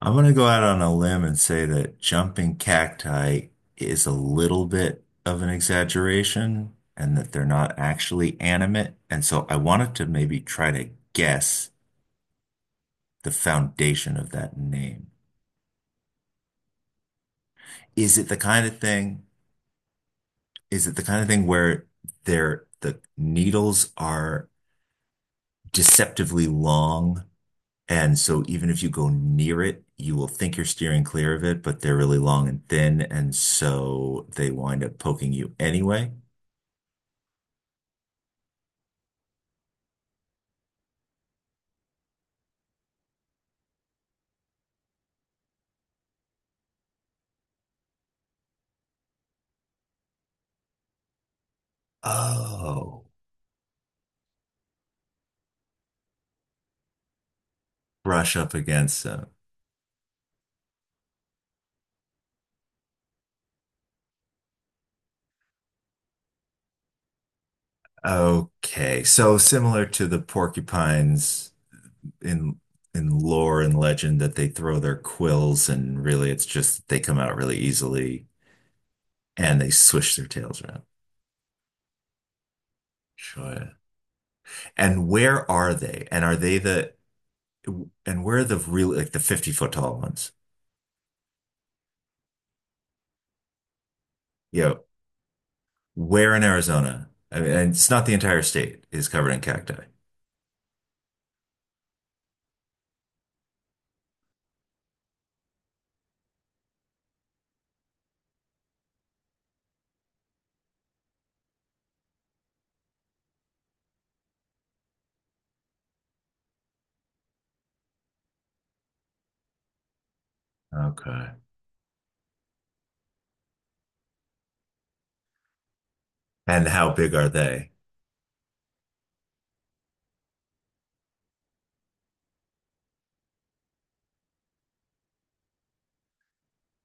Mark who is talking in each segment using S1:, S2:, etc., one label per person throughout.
S1: I'm gonna go out on a limb and say that jumping cacti is a little bit of an exaggeration and that they're not actually animate. And so I wanted to maybe try to guess the foundation of that name. Is it the kind of thing, is it the kind of thing where the needles are deceptively long. And so even if you go near it, you will think you're steering clear of it, but they're really long and thin, and so they wind up poking you anyway. Oh, brush up against them. Okay, so similar to the porcupines in in lore and legend that they throw their quills and really it's just they come out really easily and they swish their tails around. Sure. And where are they? And are they the and where are the really like the 50-foot tall ones? Yeah. Where in Arizona? I mean, and it's not the entire state is covered in cacti. Okay. And how big are they?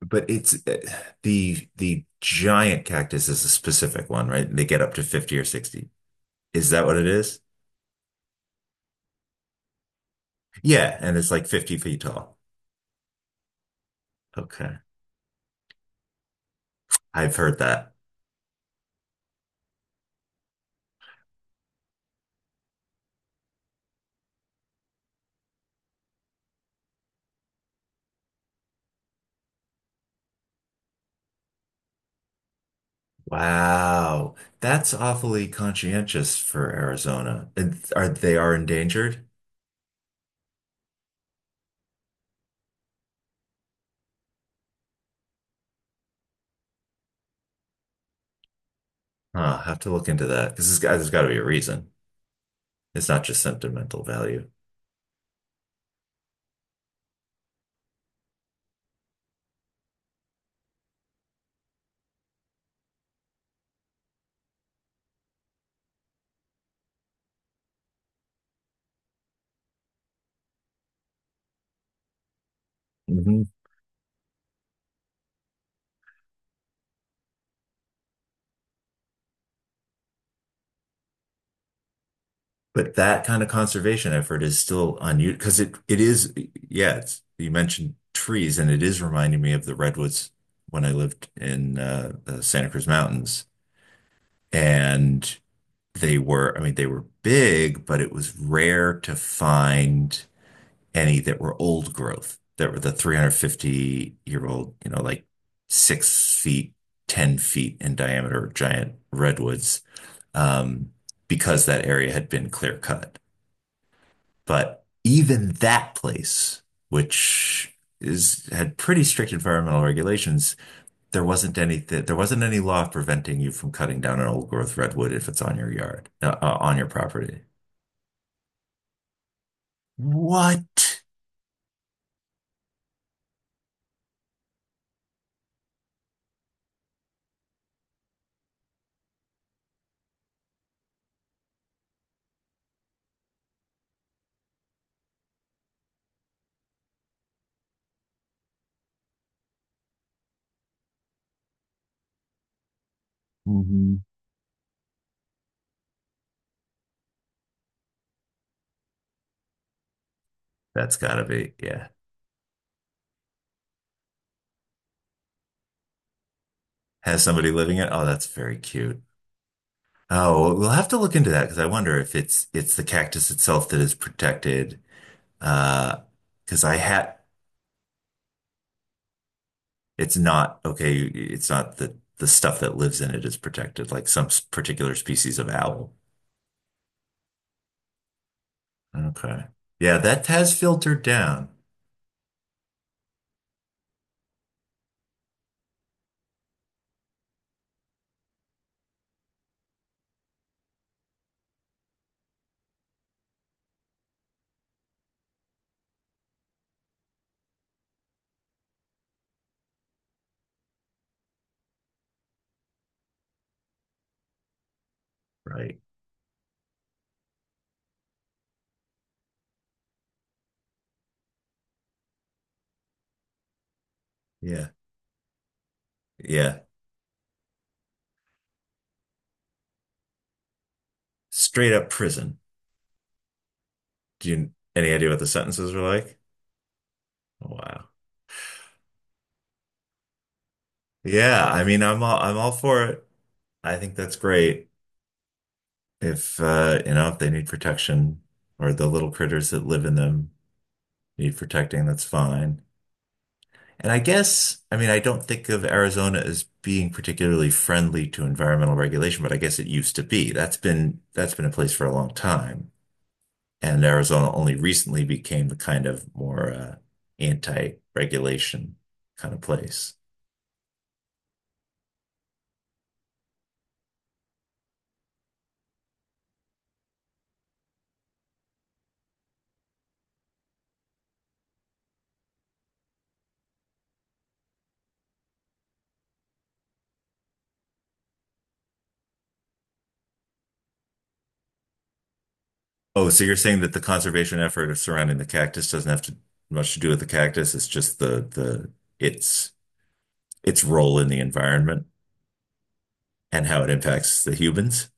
S1: But it's the giant cactus is a specific one, right? They get up to 50 or 60. Is that what it is? Yeah, and it's like 50 feet tall. Okay. I've heard that. Wow. That's awfully conscientious for Arizona. And are they are endangered? Huh, I'll have to look into that because there's got to be a reason. It's not just sentimental value. Mhm. But that kind of conservation effort is still unused because it is, yeah, you mentioned trees and it is reminding me of the redwoods when I lived in the Santa Cruz Mountains, and they were, I mean they were big, but it was rare to find any that were old growth, that were the 350-year old, you know, like 6 feet, 10 feet in diameter giant redwoods, um, because that area had been clear cut. But even that place, which is had pretty strict environmental regulations, there wasn't any law preventing you from cutting down an old growth redwood if it's on your yard, on your property. What? Hmm. That's gotta be, yeah. Has somebody living it? Oh, that's very cute. Oh, we'll have to look into that because I wonder if it's the cactus itself that is protected. Uh, because I had, it's not okay. It's not the the stuff that lives in it is protected, like some particular species of owl. Okay. Yeah, that has filtered down. Right. Yeah. Yeah. Straight up prison. Do you any idea what the sentences are like? Wow. Yeah, I mean, I'm all for it. I think that's great. If you know, if they need protection or the little critters that live in them need protecting, that's fine. And I guess, I mean, I don't think of Arizona as being particularly friendly to environmental regulation, but I guess it used to be. That's been in place for a long time. And Arizona only recently became the kind of more anti-regulation kind of place. Oh, so you're saying that the conservation effort of surrounding the cactus doesn't have to much to do with the cactus. It's just the its its role in the environment and how it impacts the humans.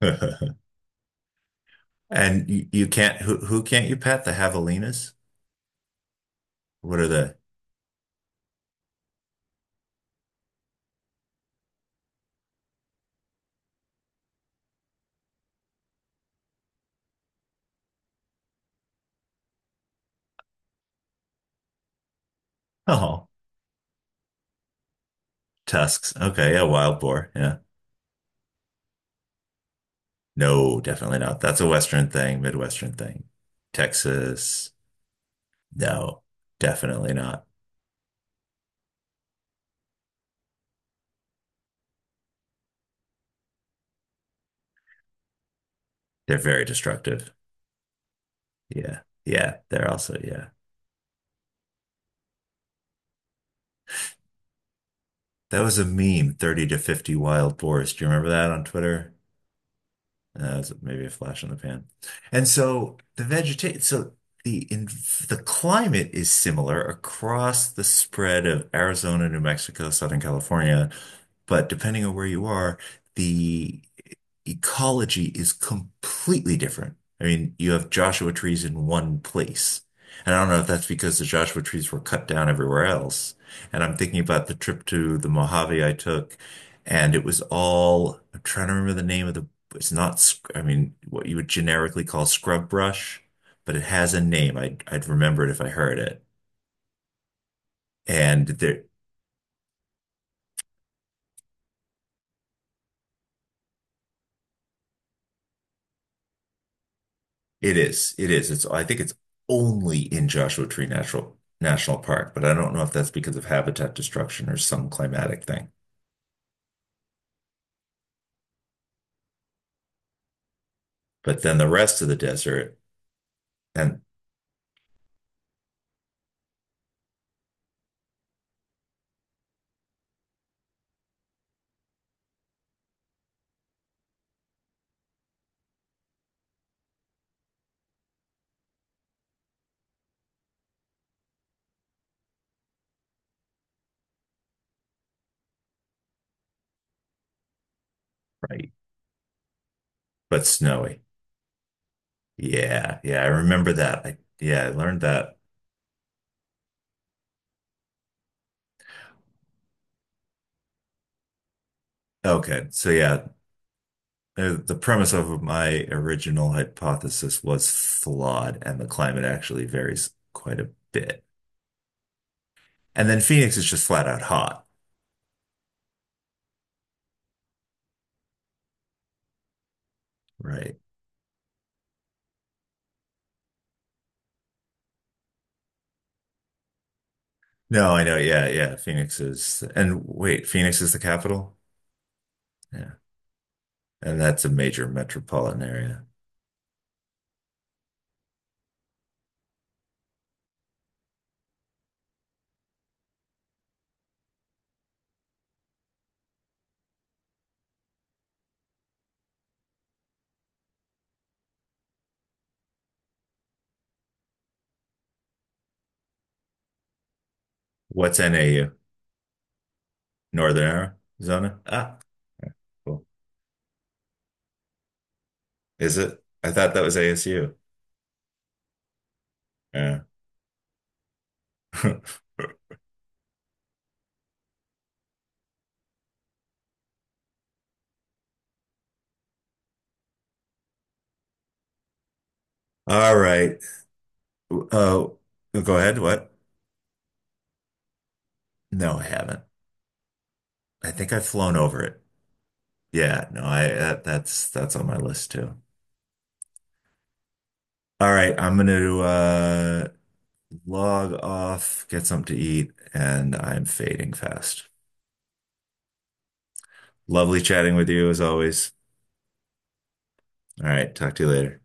S1: And you can't who can't you pet? The javelinas? What are they? Oh, tusks. Okay, yeah, wild boar. Yeah. No, definitely not. That's a Western thing, Midwestern thing. Texas, no, definitely not. They're very destructive. Yeah. Yeah, they're also, yeah. That was a meme, 30 to 50 wild boars. Do you remember that on Twitter? That's maybe a flash in the pan. And so the vegetation, so the in the climate is similar across the spread of Arizona, New Mexico, Southern California, but depending on where you are, the ecology is completely different. I mean, you have Joshua trees in one place. And I don't know if that's because the Joshua trees were cut down everywhere else. And I'm thinking about the trip to the Mojave I took, and it was all, I'm trying to remember the name of the, it's not, I mean, what you would generically call scrub brush, but it has a name. I'd remember it if I heard it. And there, it is, it is. It's, I think it's only in Joshua Tree Natural National Park, but I don't know if that's because of habitat destruction or some climatic thing. But then the rest of the desert and right, but snowy. Yeah, yeah, I remember that. Yeah, I learned that. Okay, so yeah, the premise of my original hypothesis was flawed, and the climate actually varies quite a bit. And then Phoenix is just flat out hot, right? No, I know. Yeah, yeah. Phoenix is, and wait, Phoenix is the capital? Yeah. And that's a major metropolitan area. What's NAU? Northern Arizona? Ah, cool. Is it? I thought that was ASU. Yeah. All right. Uh, go ahead. What? No, I haven't. I think I've flown over it. Yeah, no, I that, that's on my list too. All right, I'm gonna log off, get something to eat, and I'm fading fast. Lovely chatting with you as always. All right, talk to you later.